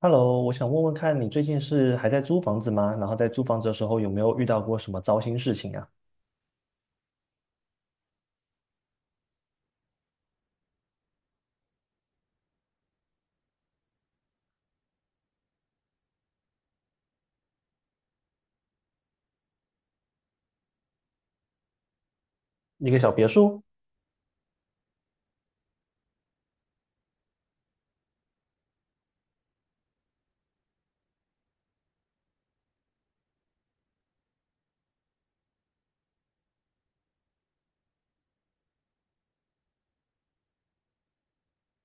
Hello，我想问问看你最近是还在租房子吗？然后在租房子的时候有没有遇到过什么糟心事情啊？一个小别墅，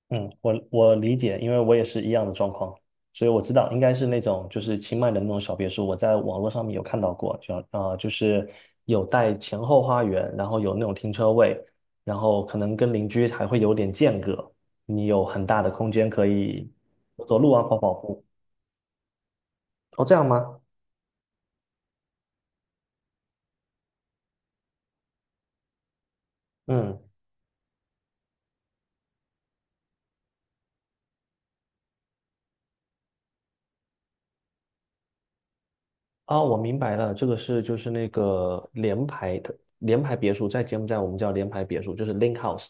嗯，我理解，因为我也是一样的状况，所以我知道应该是那种就是清迈的那种小别墅，我在网络上面有看到过，就啊，就是有带前后花园，然后有那种停车位，然后可能跟邻居还会有点间隔，你有很大的空间可以走走路啊，跑跑步。哦，这样吗？嗯。啊，我明白了，这个是就是那个联排的联排别墅，在柬埔寨我们叫联排别墅，就是 link house。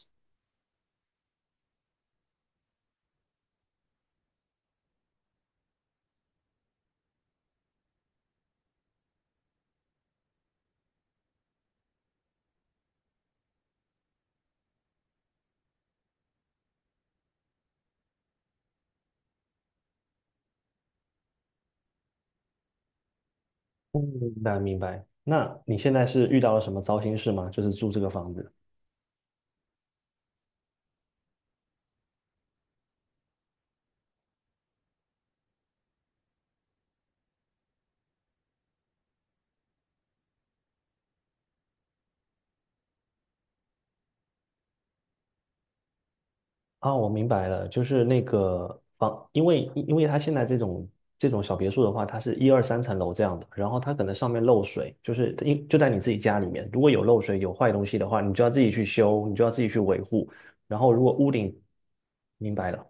嗯，明白明白。那你现在是遇到了什么糟心事吗？就是住这个房子。啊，我明白了，就是那个房，因为它现在这种小别墅的话，它是一二三层楼这样的，然后它可能上面漏水，就是因就在你自己家里面，如果有漏水有坏东西的话，你就要自己去修，你就要自己去维护，然后如果屋顶，明白了。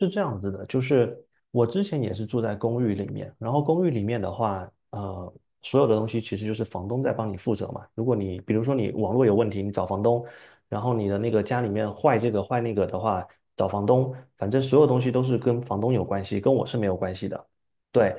是这样子的，就是我之前也是住在公寓里面，然后公寓里面的话，所有的东西其实就是房东在帮你负责嘛。如果你比如说你网络有问题，你找房东，然后你的那个家里面坏这个坏那个的话，找房东，反正所有东西都是跟房东有关系，跟我是没有关系的。对，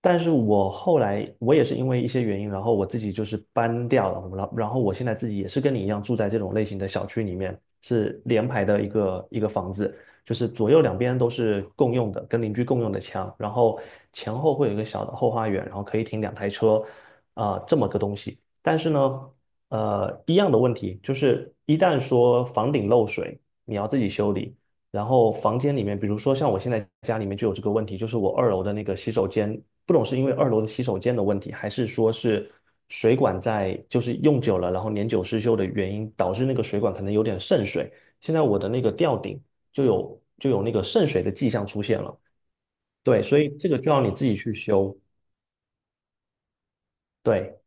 但是我后来我也是因为一些原因，然后我自己就是搬掉了，然后我现在自己也是跟你一样住在这种类型的小区里面，是联排的一个房子。就是左右两边都是共用的，跟邻居共用的墙，然后前后会有一个小的后花园，然后可以停2台车，啊、这么个东西。但是呢，一样的问题就是，一旦说房顶漏水，你要自己修理。然后房间里面，比如说像我现在家里面就有这个问题，就是我2楼的那个洗手间，不懂是因为2楼的洗手间的问题，还是说是水管在就是用久了，然后年久失修的原因，导致那个水管可能有点渗水。现在我的那个吊顶就有那个渗水的迹象出现了。对，所以这个就要你自己去修，对，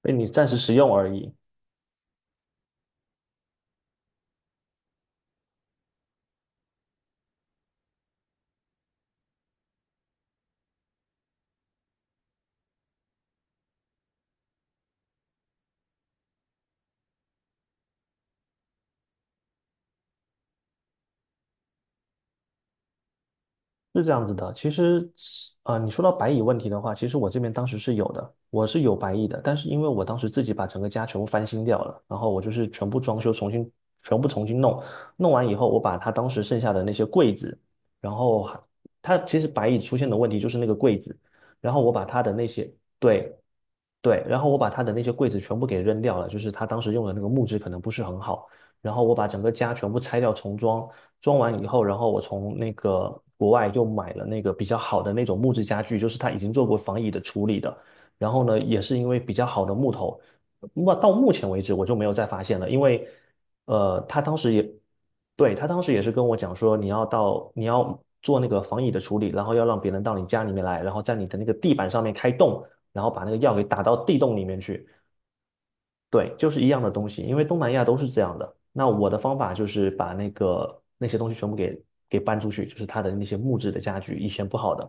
被你暂时使用而已，是这样子的。其实，你说到白蚁问题的话，其实我这边当时是有的，我是有白蚁的，但是因为我当时自己把整个家全部翻新掉了，然后我就是全部装修，全部重新弄，弄完以后，我把它当时剩下的那些柜子，然后还它其实白蚁出现的问题就是那个柜子，然后我把它的那些，对，对，然后我把他的那些柜子全部给扔掉了，就是他当时用的那个木质可能不是很好。然后我把整个家全部拆掉重装，装完以后，然后我从那个国外又买了那个比较好的那种木质家具，就是他已经做过防蚁的处理的。然后呢，也是因为比较好的木头，那到目前为止我就没有再发现了，因为呃，他当时也对他当时也是跟我讲说，你要做那个防蚁的处理，然后要让别人到你家里面来，然后在你的那个地板上面开洞。然后把那个药给打到地洞里面去。对，就是一样的东西，因为东南亚都是这样的。那我的方法就是把那个那些东西全部给搬出去，就是他的那些木质的家具，以前不好的。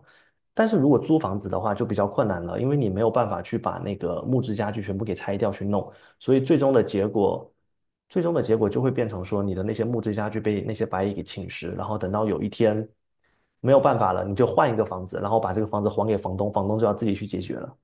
但是如果租房子的话，就比较困难了，因为你没有办法去把那个木质家具全部给拆掉去弄，所以最终的结果，最终的结果就会变成说，你的那些木质家具被那些白蚁给侵蚀，然后等到有一天没有办法了，你就换一个房子，然后把这个房子还给房东，房东就要自己去解决了。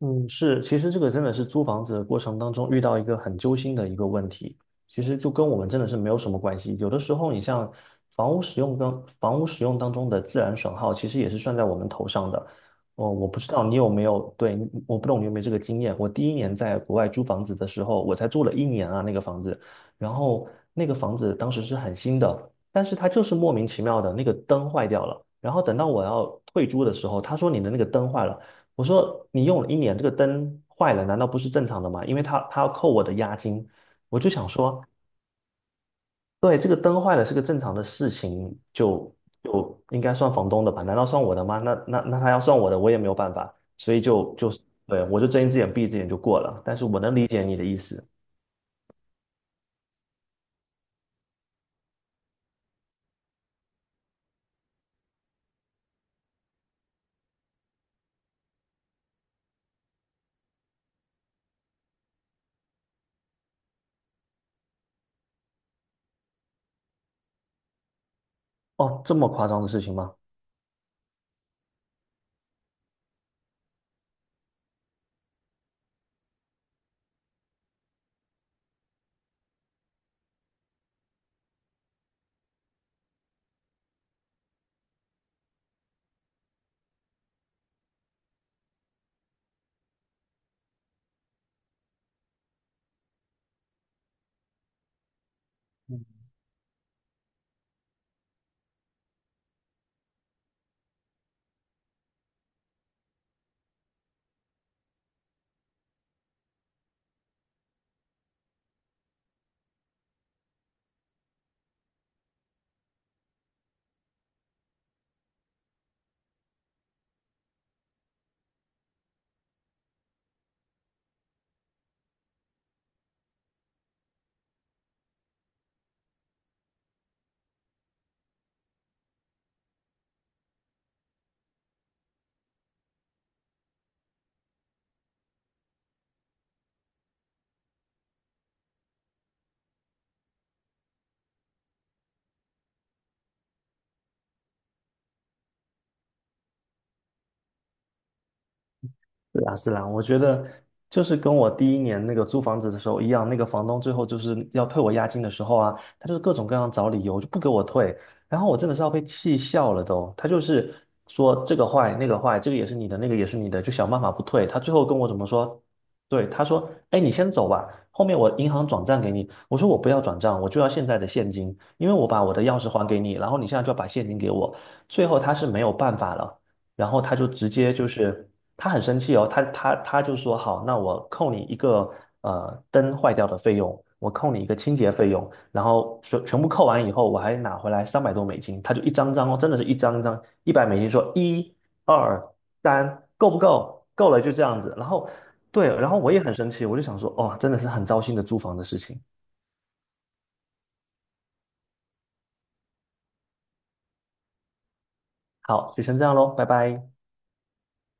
嗯，是，其实这个真的是租房子的过程当中遇到一个很揪心的一个问题，其实就跟我们真的是没有什么关系。有的时候，你像房屋使用当中的自然损耗，其实也是算在我们头上的。哦，我不知道你有没有，对，你我不懂你有没有这个经验。我第一年在国外租房子的时候，我才住了一年啊，那个房子，然后那个房子当时是很新的，但是它就是莫名其妙的那个灯坏掉了。然后等到我要退租的时候，他说你的那个灯坏了。我说你用了一年，这个灯坏了，难道不是正常的吗？因为他要扣我的押金，我就想说，对，这个灯坏了是个正常的事情，就应该算房东的吧？难道算我的吗？那他要算我的，我也没有办法，所以就就对我就睁一只眼闭一只眼就过了。但是我能理解你的意思，哦，这么夸张的事情吗？是啊，是啊，我觉得就是跟我第一年那个租房子的时候一样，那个房东最后就是要退我押金的时候啊，他就是各种各样找理由就不给我退，然后我真的是要被气笑了都。他就是说这个坏那个坏，这个也是你的，那个也是你的，就想办法不退。他最后跟我怎么说？对，他说：“哎，你先走吧，后面我银行转账给你。”我说：“我不要转账，我就要现在的现金，因为我把我的钥匙还给你，然后你现在就要把现金给我。”最后他是没有办法了。然后他就直接就是他很生气哦，他他就说好，那我扣你一个灯坏掉的费用，我扣你一个清洁费用，然后全部扣完以后，我还拿回来300多美金，他就一张张哦，真的是一张一张100美金说一二三够不够？够了就这样子，然后对，然后我也很生气，我就想说哦，真的是很糟心的租房的事情。好，就先这样喽，拜拜。